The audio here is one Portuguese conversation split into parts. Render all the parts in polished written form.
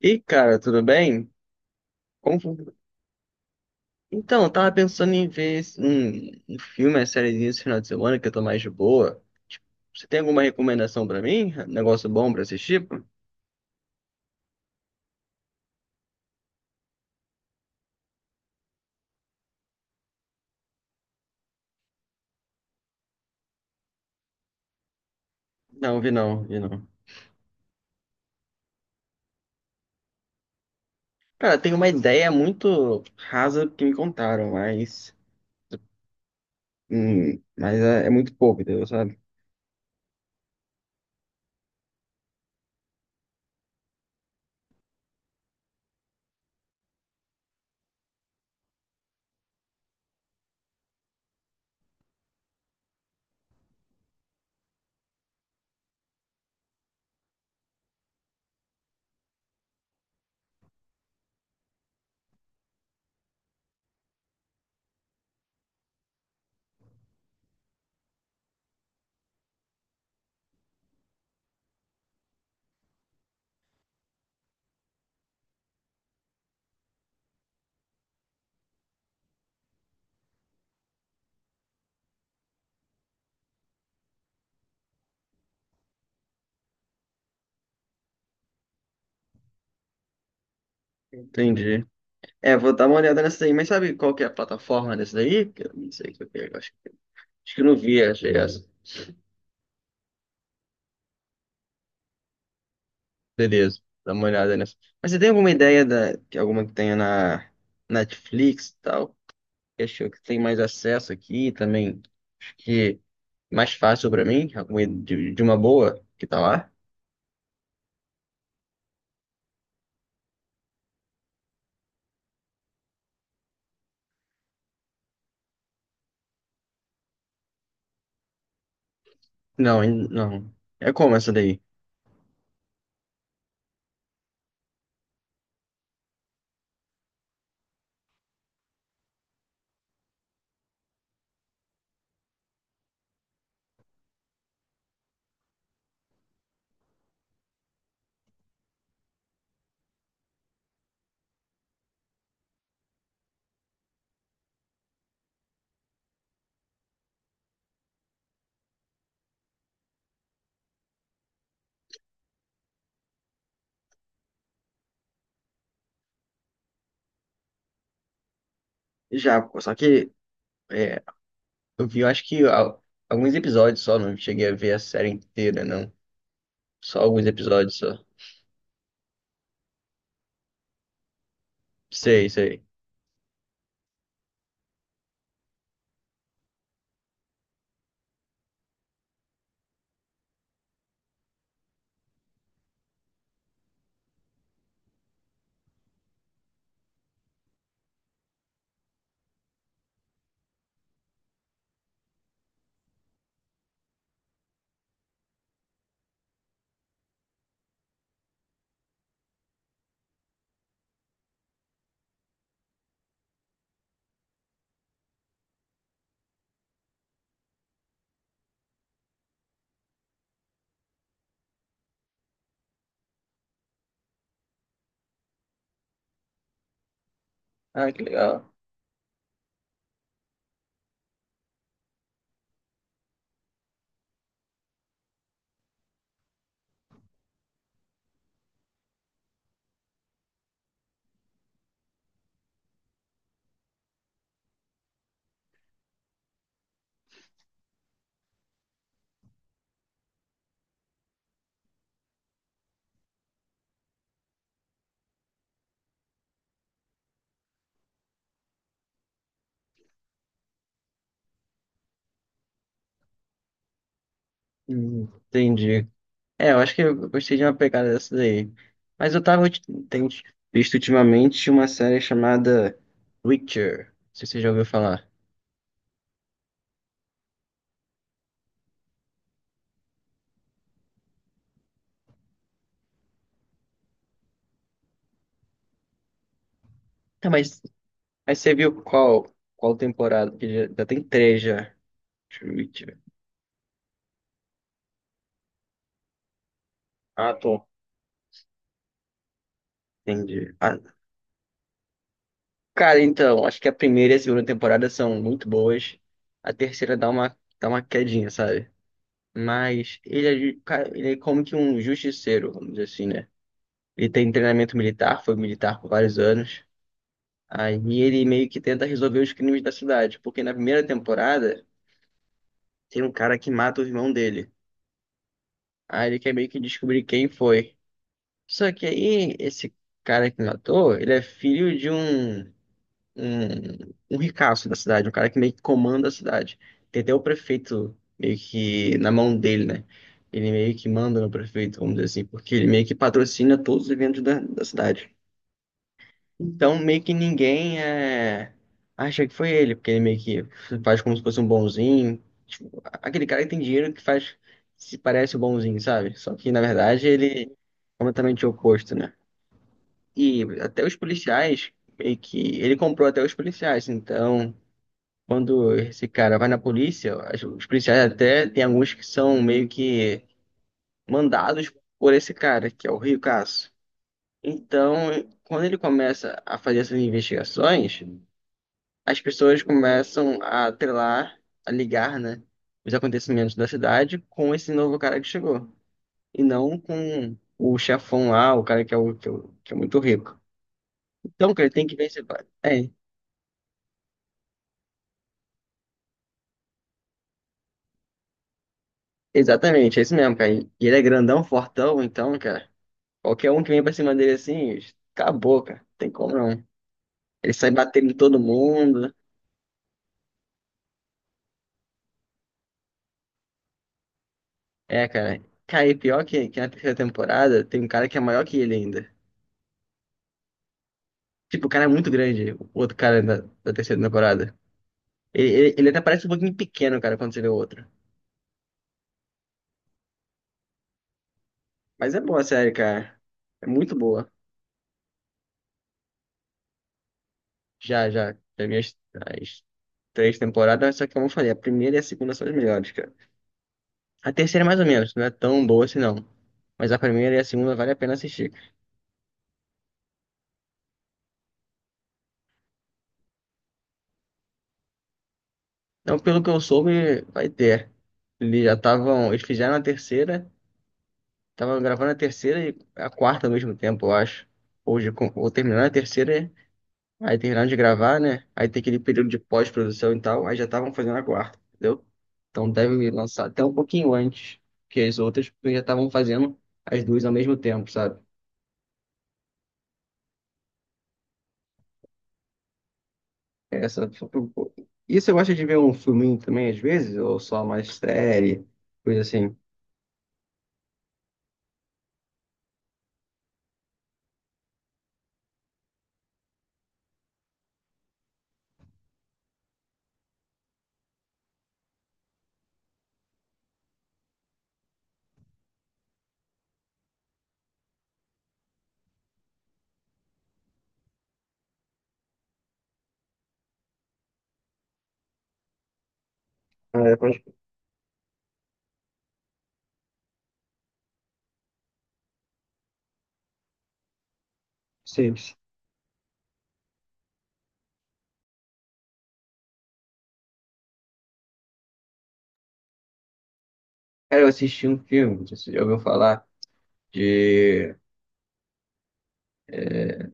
E cara, tudo bem? Como- Então, eu tava pensando em ver um filme, uma sériezinha esse final de semana que eu tô mais de boa. Você tem alguma recomendação pra mim? Um negócio bom pra assistir? Não, vi não, vi não. Cara, tem uma ideia muito rasa que me contaram, mas. Mas é muito pouco, entendeu? Sabe? Entendi. É, vou dar uma olhada nessa aí, mas sabe qual que é a plataforma dessa daí? Que eu não sei o que eu pego, acho, acho que eu não vi, achei essa. Beleza, dá uma olhada nessa. Mas você tem alguma ideia de alguma que tenha na Netflix e tal? Que acho que tem mais acesso aqui também. Acho que mais fácil pra mim, alguma de uma boa que tá lá? Não, ainda não. É como essa daí? Já, só que é, eu vi, eu acho que alguns episódios só, não cheguei a ver a série inteira, não. Só alguns episódios só. Sei, sei. Ah, que legal. Entendi. É, eu acho que eu gostei de uma pegada dessa daí. Mas eu tenho visto ultimamente uma série chamada Witcher. Não sei se você já ouviu falar. Tá, mas você viu qual temporada? Porque já, já tem três já. Witcher. Ah, tô. Entendi. Ah, cara, então, acho que a primeira e a segunda temporada são muito boas. A terceira dá uma quedinha, sabe? Mas ele é, cara, ele é como que um justiceiro, vamos dizer assim, né? Ele tem treinamento militar, foi militar por vários anos. Aí ele meio que tenta resolver os crimes da cidade, porque na primeira temporada tem um cara que mata o irmão dele. Aí ele quer meio que descobrir quem foi. Só que aí esse cara que matou, ele é filho de um ricaço da cidade, um cara que meio que comanda a cidade. Tem até o prefeito meio que na mão dele, né? Ele meio que manda no prefeito, vamos dizer assim, porque ele meio que patrocina todos os eventos da cidade. Então, meio que ninguém é... acha que foi ele, porque ele meio que faz como se fosse um bonzinho. Tipo, aquele cara que tem dinheiro que faz, se parece o bonzinho, sabe? Só que, na verdade, ele é completamente oposto, né? E até os policiais, meio que... Ele comprou até os policiais, então... Quando esse cara vai na polícia, os policiais até tem alguns que são meio que mandados por esse cara, que é o Rio Caso. Então, quando ele começa a fazer essas investigações, as pessoas começam a atrelar, a ligar, né, os acontecimentos da cidade com esse novo cara que chegou, e não com o chefão lá, o cara que é muito rico. Então, cara, ele tem que vencer. É, exatamente, é isso mesmo, cara. E ele é grandão, fortão, então, cara, qualquer um que vem pra cima dele assim, acabou, cara, não tem como não. Ele sai batendo em todo mundo. É, cara. Cara, e pior que na terceira temporada tem um cara que é maior que ele ainda. Tipo, o cara é muito grande, o outro cara da terceira temporada. Ele, ele até parece um pouquinho pequeno, cara, quando você vê o outro. Mas é boa a série, cara. É muito boa. Já, já. Já vi as três temporadas, só que como eu falei, a primeira e a segunda são as melhores, cara. A terceira, é mais ou menos, não é tão boa assim, não. Mas a primeira e a segunda vale a pena assistir. Então, pelo que eu soube, vai ter. Eles já estavam. Eles fizeram a terceira, estavam gravando a terceira e a quarta ao mesmo tempo, eu acho. Hoje, ou terminando a terceira. Aí terminaram de gravar, né? Aí tem aquele período de pós-produção e tal, aí já estavam fazendo a quarta, entendeu? Então devem lançar até um pouquinho antes que as outras, porque já estavam fazendo as duas ao mesmo tempo, sabe? Essa... E você gosta de ver um filminho também às vezes? Ou só mais série, coisa assim? Ah, eu gosto de cara, eu assisti um filme, não sei se você já ouviu falar, de é,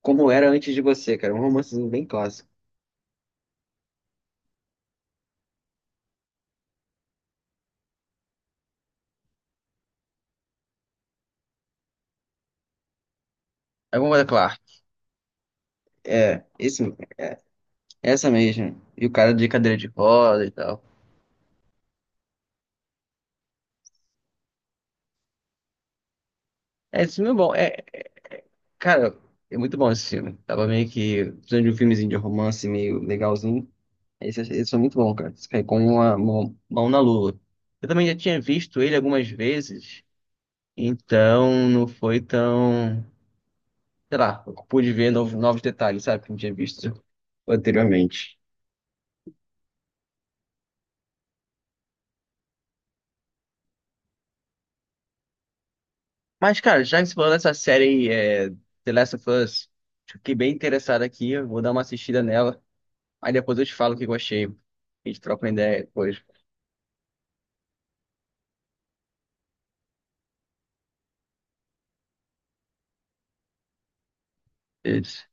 Como Era Antes de Você, cara. É um romancezinho bem clássico. É Como Era Clark. É, esse mesmo. Essa mesmo. E o cara de cadeira de roda e tal. É, esse filme é bom. É, cara, é muito bom esse filme. Tava meio que precisando de um filmezinho de romance meio legalzinho. Esse foi muito bom, cara. Esse foi como uma mão na lua. Eu também já tinha visto ele algumas vezes, então não foi tão. Sei lá, eu pude ver novos, novos detalhes, sabe? Que eu não tinha visto anteriormente. Mas, cara, já que você falou dessa série The Last of Us, fiquei bem interessado aqui. Eu vou dar uma assistida nela. Aí depois eu te falo o que eu achei. A gente troca uma ideia depois. Isso.